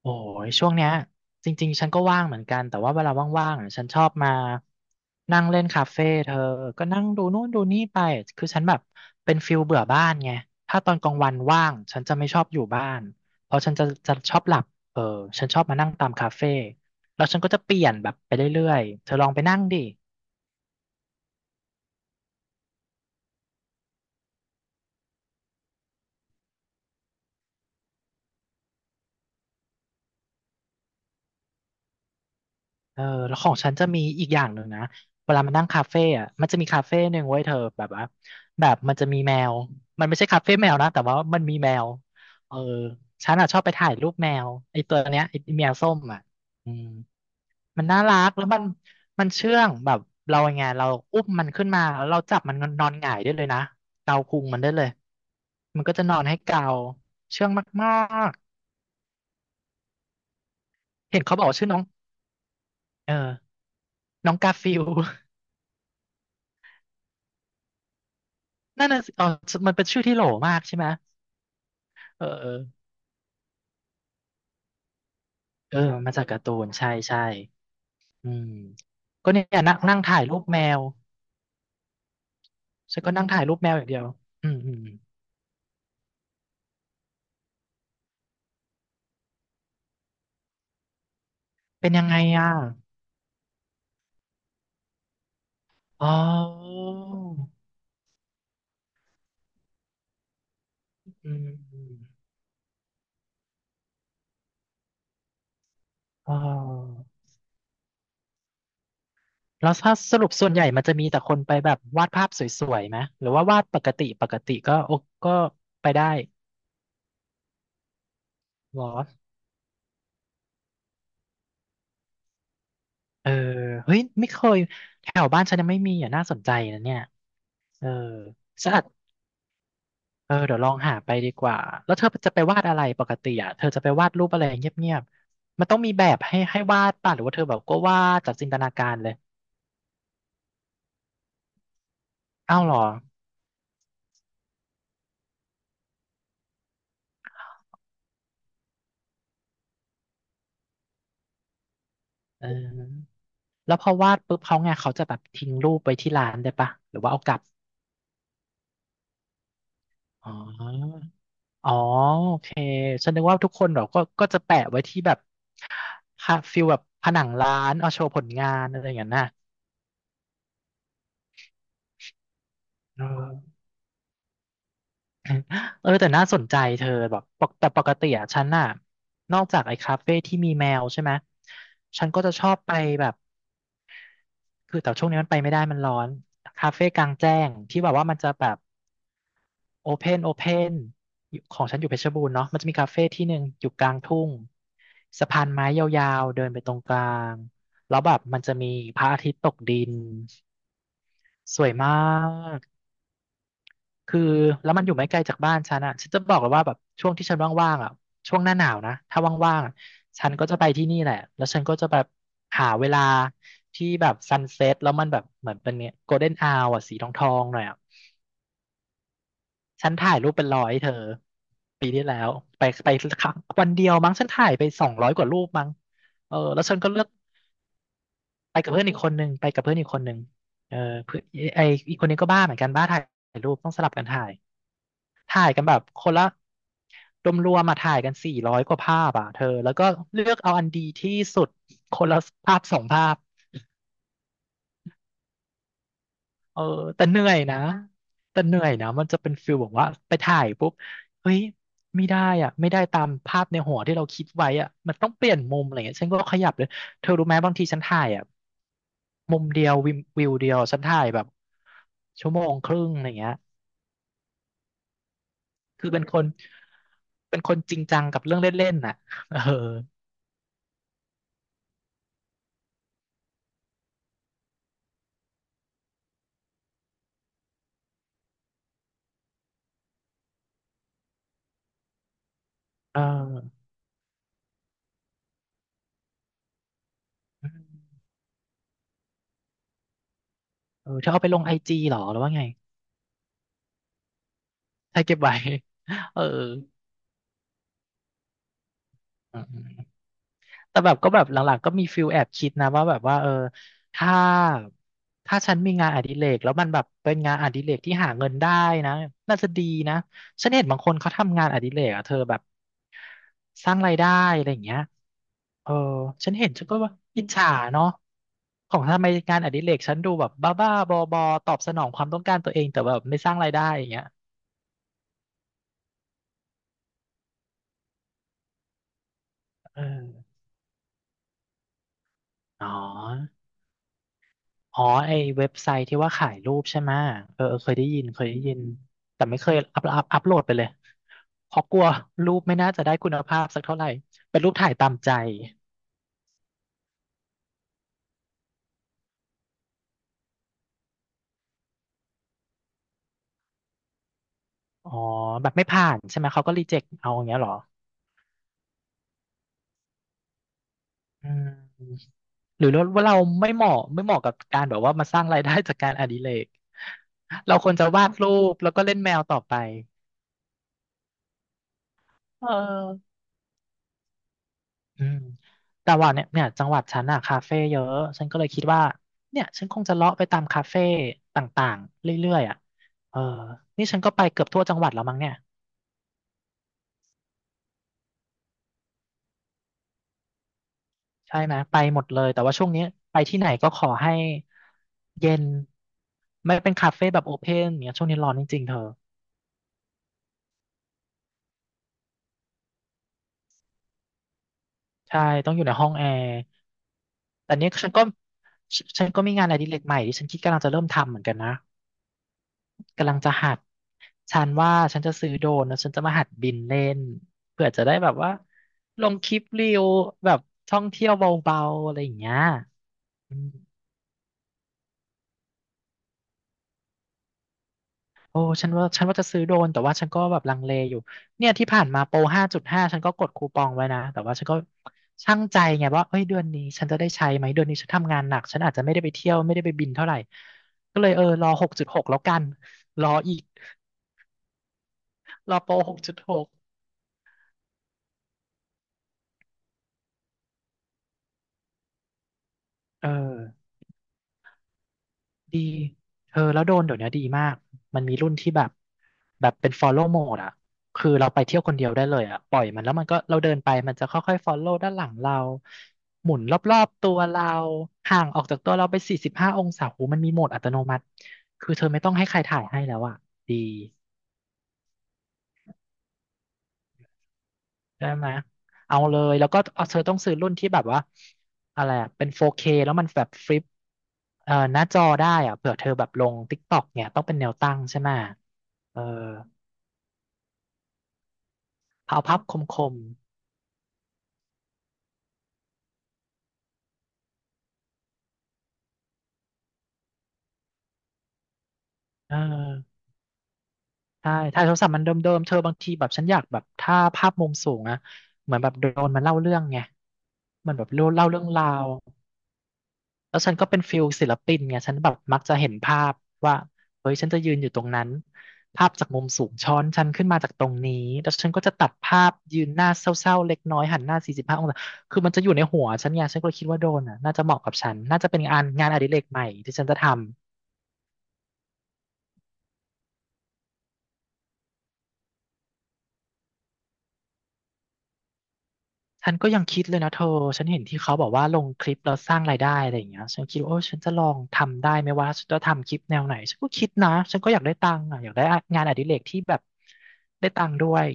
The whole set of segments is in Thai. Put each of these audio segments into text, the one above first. โอ้ยช่วงเนี้ยจริงๆฉันก็ว่างเหมือนกันแต่ว่าเวลาว่างๆอ่ะฉันชอบมานั่งเล่นคาเฟ่เธอก็นั่งดูนู่นดูนี่ไปคือฉันแบบเป็นฟิลเบื่อบ้านไงถ้าตอนกลางวันว่างฉันจะไม่ชอบอยู่บ้านเพราะฉันจะชอบหลับเออฉันชอบมานั่งตามคาเฟ่แล้วฉันก็จะเปลี่ยนแบบไปเรื่อยๆเธอลองไปนั่งดิ เออแล้วของฉันจะมีอีกอย่างหนึ่งนะเวลามันนั่งคาเฟ่อะมันจะมีคาเฟ่หนึ่งไว้ยเธอแบบว่าแบบมันจะมีแมวมันไม่ใช่คาเฟ่แมวนะแต่ว่ามันมีแมวเออฉันอะชอบไปถ่ายรูปแมวไอ้ตัวเนี้ยไอ้แมวส้มอะอืมมันน่ารักแล้วมันมันเชื่องแบบเราไงเราอุ้มมันขึ้นมาแล้วเราจับมันนอนหงายได้เลยนะเกาพุงมันได้เลยมันก็จะนอนให้เกาเชื่องมากๆเห็นเขาบอกว่าชื่อน้องเออน้องกาฟิล นั่นน่ะสิอ๋อมันเป็นชื่อที่โหลมากใช่ไหมเออเออเออมันาจากการ์ตูนใช่ใช่อืมก็เนี่ยนั่งนั่งถ่ายรูปแมวฉันก็นั่งถ่ายรูปแมวอย่างเดียวอืมอืมเป็นยังไงอ่ะอ๋ออืมอืมอ๋อแล้วถ้าสรุปส่วนใหญ่มันจะมีแต่คนไปแบบวาดภาพสวยๆไหมหรือว่าวาดปกติปกติก็โอก็ไปได้เหรอเออเฮ้ยไม่เคยแถวบ้านฉันยังไม่มีอ่ะน่าสนใจนะเนี่ยเออสะอาด เออเดี๋ยวลองหาไปดีกว่าแล้วเธอจะไปวาดอะไรปกติอ่ะเธอจะไปวาดรูปอะไรเงียบๆมันต้องมีแบบให้วาดป่ะหรือว่าเธอแบบก็วาดจากจินตนาการเลยอ้าวเหรอเออแล้วพอวาดปุ๊บเขาไงเขาจะแบบทิ้งรูปไว้ที่ร้านได้ป่ะหรือว่าเอากลับอ๋ออ๋อโอเคฉันนึกว่าทุกคนเราก็จะแปะไว้ที่แบบพะฟิลแบบผนังร้านเอาโชว์ผลงานอะไรอย่างนั้นน่ะเออ เออแต่น่าสนใจเธอแบบปกแต่ปกติอะฉันน่ะนอกจากไอ้คาเฟ่ที่มีแมวใช่ไหมฉันก็จะชอบไปแบบคือแต่ช่วงนี้มันไปไม่ได้มันร้อนคาเฟ่กลางแจ้งที่แบบว่ามันจะแบบโอเพนโอเพนของฉันอยู่เพชรบูรณ์เนาะมันจะมีคาเฟ่ที่หนึ่งอยู่กลางทุ่งสะพานไม้ยาวๆเดินไปตรงกลางแล้วแบบมันจะมีพระอาทิตย์ตกดินสวยมาก คือแล้วมันอยู่ไม่ไกลจากบ้านฉันอ่ะฉันจะบอกเลยว่าแบบช่วงที่ฉันว่างๆอ่ะช่วงหน้าหนาวนะถ้าว่างๆอะฉันก็จะไปที่นี่แหละแล้วฉันก็จะแบบหาเวลาที่แบบซันเซ็ตแล้วมันแบบเหมือนเป็นเนี่ยโกลเด้นอาวอ่ะสีทองๆหน่อยอ่ะฉันถ่ายรูปเป็นร้อยเธอปีที่แล้วไปครั้งวันเดียวมั้งฉันถ่ายไป200 กว่ารูปมั้งเออแล้วฉันก็เลือกไปกับเพื่อนอีกคนนึงเออเพื่อนไออีกคนนี้ก็บ้าเหมือนกันบ้าถ่ายรูปต้องสลับกันถ่าย ถ่ายกันแบบคนละรวมมาถ่ายกัน400 กว่าภาพอ่ะเธอแล้วก็เลือกเอาอันดีที่สุดคนละภาพสองภาพเออแต่เหนื่อยนะแต่เหนื่อยนะมันจะเป็นฟิลแบบว่าไปถ่ายปุ๊บเฮ้ยไม่ได้อ่ะไม่ได้ตามภาพในหัวที่เราคิดไว้อ่ะมันต้องเปลี่ยนมุมอะไรเงี้ยฉันก็ขยับเลยเธอรู้ไหมบางทีฉันถ่ายอ่ะมุมเดียววิวเดียวฉันถ่ายแบบชั่วโมงครึ่งอะไรเงี้ยคือเป็นคนเป็นคนจริงจังกับเรื่องเล่นๆน่ะเออ เออเออเธอเอาไปลงไอจีหรอหรือว่าไงใช่เก็บไว้ เอออืมแต่แบบก็แบบหลังๆก็มีฟิลแอบคิดนะว่าแบบว่าเออถ้าถ้าฉันมีงานอดิเรกแล้วมันแบบเป็นงานอดิเรกที่หาเงินได้นะน่าจะดีนะฉันเห็นบางคนเขาทำงานอดิเรกอะเธอแบบสร้างรายได้อะไรอย่างเงี้ยเออฉันเห็นฉันก็ว่าอิจฉาเนาะของทำไมงานอดิเรกฉันดูแบบบ้าๆบอๆตอบสนองความต้องการตัวเองแต่แบบไม่สร้างรายได้อย่างเงี้ย เอออ๋ออ๋อไอเว็บไซต์ที่ว่าขายรูปใช่ไหมเออเออเคยได้ยินเคยได้ยิน แต่ไม่เคยอัพโหลดไปเลยเพราะกลัวรูปไม่น่าจะได้คุณภาพสักเท่าไหร่ เป็นรูปถ่ายตามใจอ๋อแบบไม่ผ่านใช่ไหม เขาก็รีเจ็คเอาอย่างเงี้ยเหรออืมหรือว่าเราไม่เหมาะกับการแบบว่ามาสร้างรายได้จากการอดิเรกเราควรจะวาดรูปแล้วก็เล่นแมวต่อไปเออ อืมแต่ว่าเนี่ยจังหวัดฉันอะคาเฟ่เยอะฉันก็เลยคิดว่าเนี่ยฉันคงจะเลาะไปตามคาเฟ่ต่างๆเรื่อยๆอะเออนี่ฉันก็ไปเกือบทั่วจังหวัดแล้วมั้งเนี่ยใช่ไหมไปหมดเลยแต่ว่าช่วงนี้ไปที่ไหนก็ขอให้เย็นไม่เป็นคาเฟ่แบบโอเพนเนี่ยช่วงนี้ร้อนจริงๆเธอใช่ต้องอยู่ในห้องแอร์แต่เนี้ยฉันก็มีงานอดิเรกใหม่ที่ฉันคิดกำลังจะเริ่มทำเหมือนกันนะ กำลังจะหัดฉันว่าฉันจะซื้อโดรนแล้วฉันจะมาหัดบินเล่นเผื่อจะได้แบบว่าลงคลิปรีวแบบท่องเที่ยวเบาๆอะไรอย่างเงี้ยอืมโอ้ฉันว่าจะซื้อโดรนแต่ว่าฉันก็แบบลังเลอยู่เนี่ยที่ผ่านมาโปร5.5ฉันก็กดคูปองไว้นะแต่ว่าฉันก็ชั่งใจไงว่าเอ้ยเดือนนี้ฉันจะได้ใช้ไหมเดือนนี้ฉันทำงานหนักฉันอาจจะไม่ได้ไปเที่ยวไม่ได้ไปบินเท่าไหร่ก็เลยเออรอหกจุดหกแล้วกันรออีกรอโปรหกจุดหกเออ ดี เธอแล้วโดนเดี๋ยวนี้ดีมาก มันมีรุ่นที่แบบแบบเป็น follow mode อะคือเราไปเที่ยวคนเดียวได้เลยอะปล่อยมันแล้วมันก็เราเดินไปมันจะค่อยๆ follow ด้านหลังเราหมุนรอบๆตัวเราห่างออกจากตัวเราไปสี่สิบห้าองศาหูมันมีโหมดอัตโนมัติ คือเธอไม่ต้องให้ใครถ่ายให้แล้วอะดี ใช่ไหม เอาเลย แล้วก็เอาเธอต้องซื้อรุ่นที่แบบว่าอะไรอะเป็น 4K แล้วมันแบบฟลิปหน้าจอได้อะเผื่อเธอแบบลง TikTok เนี่ยต้องเป็นแนวตั้งใช่ไหมเออเอาภาพคมๆเออใช่ถ่ายโทรศัพท์มันเดิมๆ เธอบางทีแบบฉันอยากแบบถ้าภาพมุมสูงอะเหมือนแบบโดรนมันเล่าเรื่องไงเหมันแบบเล่าเรื่องราว แล้วฉันก็เป็นฟิลศิลปินไงฉันแบบมักจะเห็นภาพว่าเฮ้ยฉันจะยืนอยู่ตรงนั้นภาพจากมุมสูงช้อนฉันขึ้นมาจากตรงนี้แล้วฉันก็จะตัดภาพยืนหน้าเศร้าๆเล็กน้อยหันหน้าสี่สิบห้าองศาคือมันจะอยู่ในหัวฉันไงฉันก็เลยคิดว่าโดนอ่ะน่าจะเหมาะกับฉันน่าจะเป็นงานอดิเรกใหม่ที่ฉันจะทำฉันก็ยังคิดเลยนะเธอฉันเห็นที่เขาบอกว่าลงคลิปแล้วสร้างรายได้อะไรอย่างเงี้ยฉันคิดว่าโอ้ฉันจะลองทำได้ไหมว่าฉันจะทำคลิปแนวไหนฉันก็คิดนะฉันก็อยากได้ตังค์อ่ะอยากได้งานอดิเรกที่แบบได้ตังค์ด้วย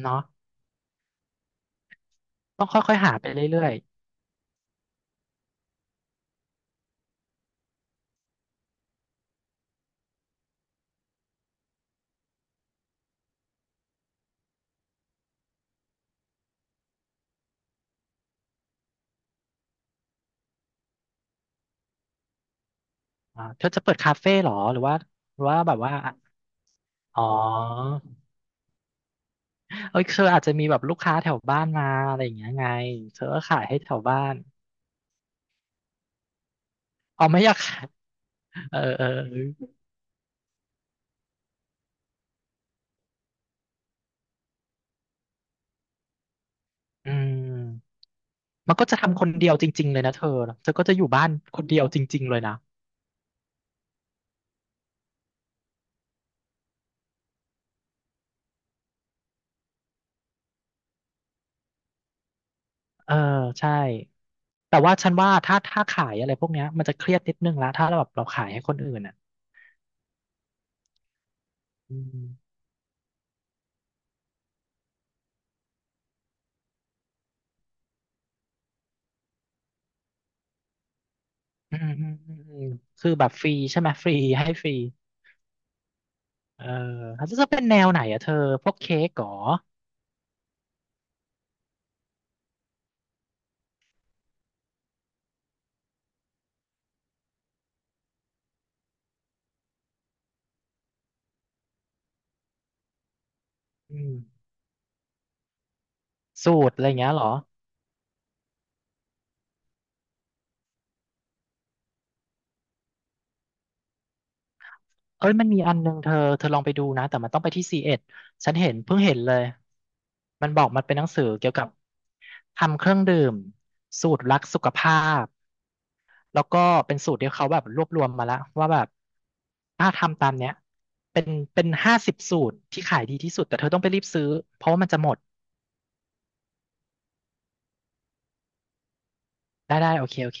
เนาะต้องค่อยๆหาไปเรื่อยๆอ่าเธอจะเปิดคาเฟ่เหรอหรือว่าหรือว่าแบบว่าอ๋อเอ้ยเธออาจจะมีแบบลูกค้าแถวบ้านมาอะไรอย่างเงี้ยไงเธอก็ขายให้แถวบ้านอ๋อไม่อยากขายเออเออเอออืมมันก็จะทำคนเดียวจริงๆเลยนะเธอก็จะอยู่บ้านคนเดียวจริงๆเลยนะเออใช่แต่ว่าฉันว่าถ้าขายอะไรพวกเนี้ยมันจะเครียดนิดนึงละถ้าเราแบบเราขายให้คนอื่นอ่ะอืมอืมอืมอืมอืมคือแบบฟรีใช่ไหมฟรีให้ฟรี เออเล้จะเป็นแนวไหนอะเธอพวกเค้กเหรออืมสูตรอะไรอย่างเงี้ยเหรอเอ้ยมันมีอันนึงเธอลองไปดูนะแต่มันต้องไปที่ซีเอ็ดฉันเห็นเพิ่งเห็นเลยมันบอกมันเป็นหนังสือเกี่ยวกับทำเครื่องดื่มสูตรรักสุขภาพแล้วก็เป็นสูตรที่เขาแบบรวบรวมมาแล้วว่าแบบถ้าทำตามเนี้ยเป็นเป็น50 สูตรที่ขายดีที่สุดแต่เธอต้องไปรีบซื้อเพราะว่ามันจะหมดได้ได้โอเคโอเค